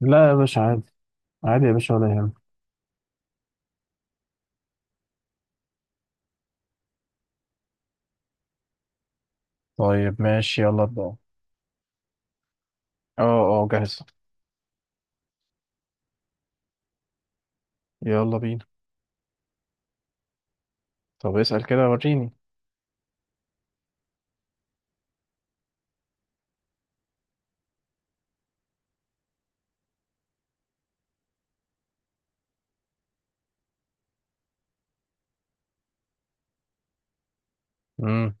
لا يا باشا، عادي. عادي يا باشا، ولا يهمك. طيب ماشي، يلا ابدا، اه. اه، جاهز. يلا بينا. طب اسأل كده وريني. امم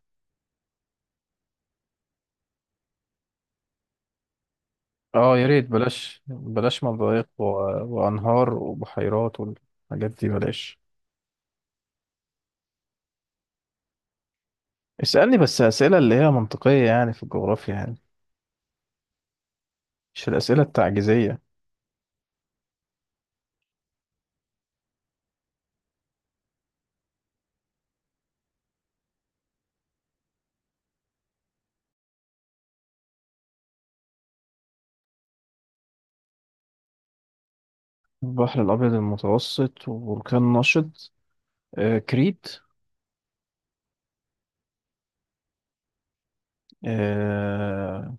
اه، يا ريت بلاش بلاش مضايق وانهار وبحيرات والحاجات دي بلاش. اسألني بس أسئلة اللي هي منطقية، يعني في الجغرافيا يعني، مش الأسئلة التعجيزية. البحر الأبيض المتوسط وبركان نشط. آه، كريت. آه.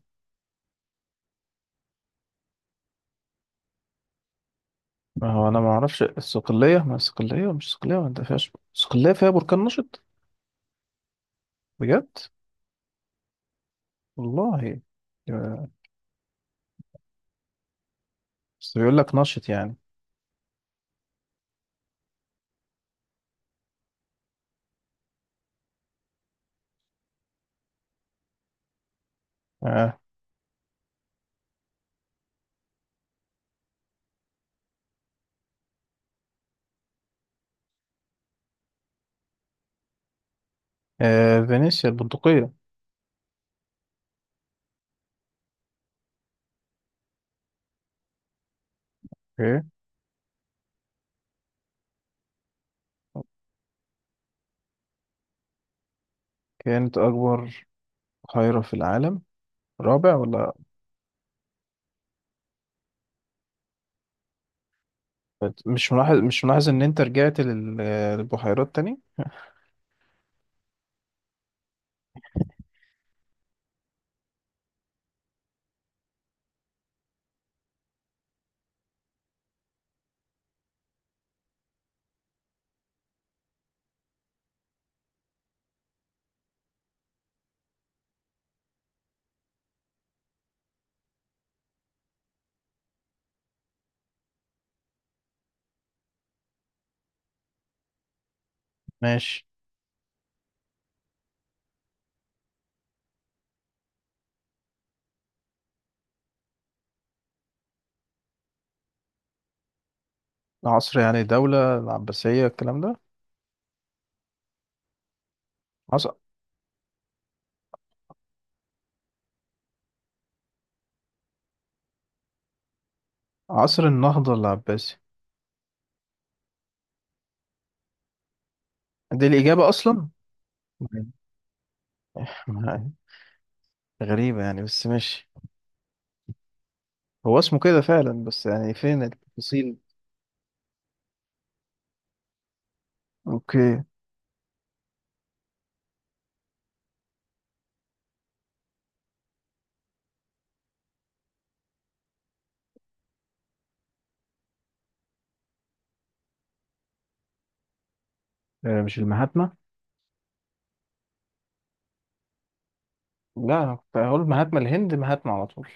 ما هو أنا ما أعرفش الصقلية، ما الصقلية مش الصقلية، ما أنت فيهاش الصقلية فيها بركان نشط. بجد. والله. آه، بس بيقول لك نشط يعني. آه. آه. فينيسيا، البندقية. اوكي. كانت أكبر بحيرة في العالم، رابع ولا؟ مش ملاحظ مش ملاحظ إن أنت رجعت للبحيرات تاني؟ ماشي. عصر، يعني دولة العباسية الكلام ده. عصر, عصر النهضة العباسي. دي الإجابة أصلا. مم. غريبة يعني، بس ماشي. هو اسمه كده فعلا، بس يعني فين التفاصيل؟ أوكي. آه، مش المهاتما؟ لا، أنا كنت هقول مهاتما الهند، مهاتما على طول.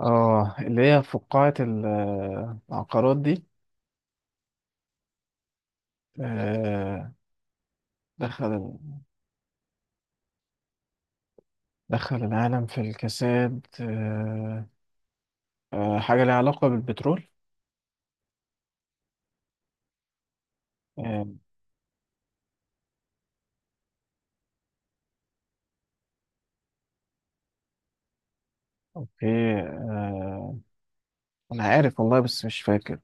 اه، اللي هي فقاعة العقارات دي. آه. دخل دخل العالم في الكساد، آه. آه، حاجة ليها علاقة بالبترول. آه. اوكي. آه. انا عارف والله، بس مش فاكر.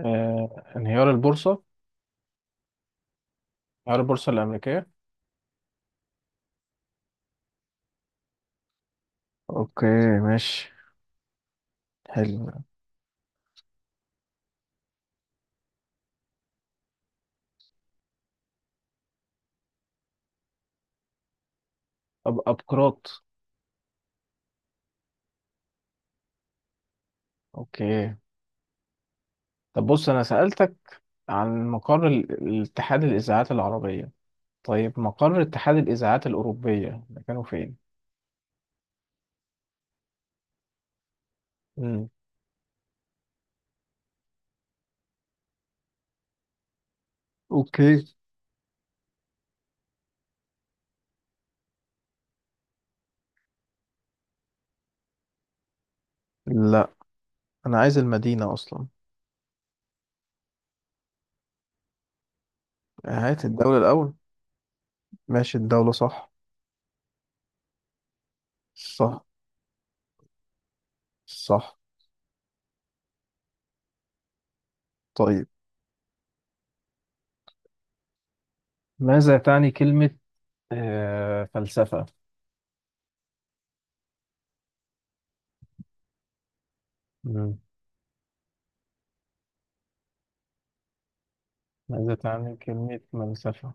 آه، انهيار البورصة. انهيار البورصة الأمريكية. اوكي، ماشي. حلو. أبقراط. اوكي. طب بص، انا سألتك عن مقر الاتحاد الإذاعات العربية. طيب، مقر اتحاد الإذاعات الأوروبية مكانه فين؟ مم. أوكي. لا، أنا عايز المدينة أصلا. هات الدولة الأول. ماشي، الدولة صح. صح. صح. طيب، ماذا تعني كلمة فلسفة؟ مم. ماذا تعني كلمة فلسفة؟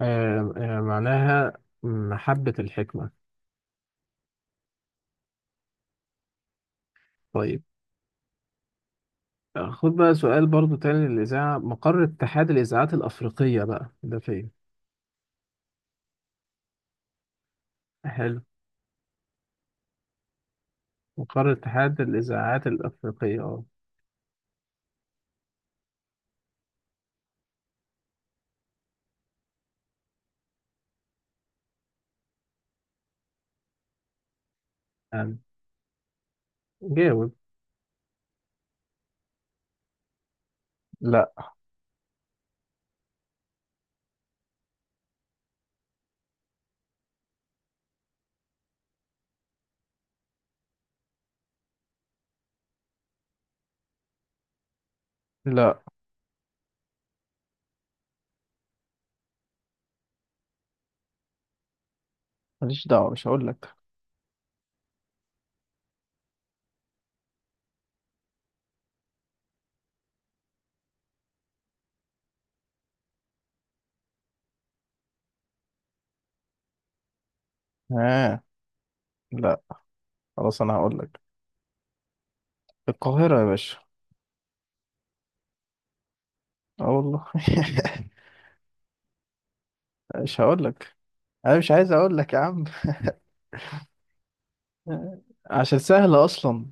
آه، آه، معناها محبة الحكمة. طيب. آه، خد بقى سؤال برضو تاني للإذاعة، مقر اتحاد الإذاعات الأفريقية بقى ده فين؟ حلو. مقر اتحاد الإذاعات الأفريقية، اه. يعني جاوب. لا. لا. ماليش دعوة، مش هقول لك. ها. لا خلاص، انا هقول لك. القاهرة يا باشا. اه والله. مش هقول لك. انا مش عايز اقول لك يا عم. عشان سهلة اصلا.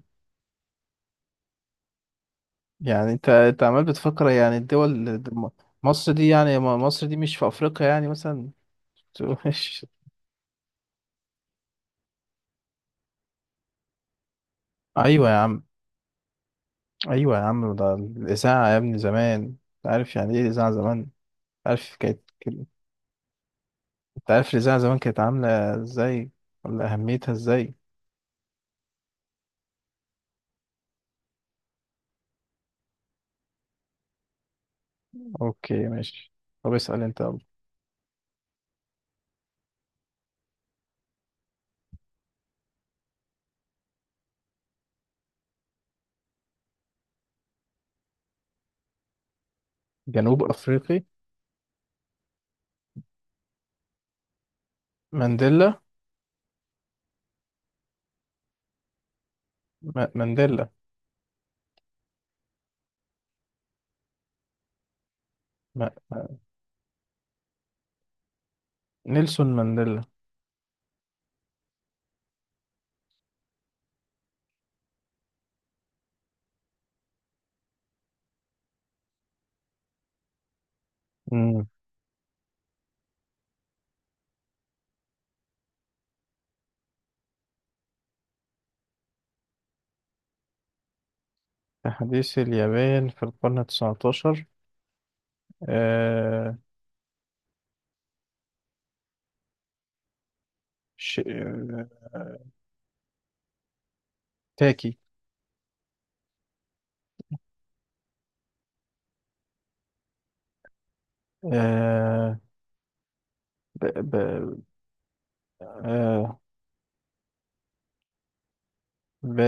يعني انت عمال بتفكر يعني الدول. م- مصر دي يعني، مصر دي مش في افريقيا يعني مثلا؟ مش- ايوه يا عم. ايوه يا عم، ده الاذاعة يا ابني زمان، أنت عارف يعني ايه الاذاعة زمان؟ عارف كانت. انت عارف الإذاعة زمان كانت عاملة ازاي؟ ولا أهميتها ازاي؟ اوكي ماشي. طب اسأل انت يلا. جنوب أفريقي؟ مانديلا. ما... مانديلا. ما... ما... نيلسون مانديلا. مم. تحديث اليابان في القرن التسعتاشر. آه... ش... آه... تاكي. آه... ب... ب... آه... ب...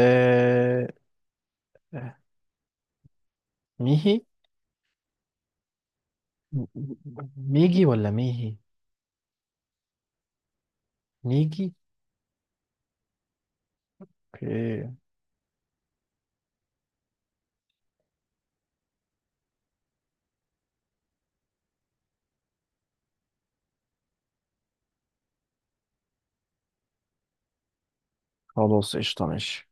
ميهي. ميجي ولا ميهي؟ ميجي. اوكي. خلاص، قشطة، ماشي.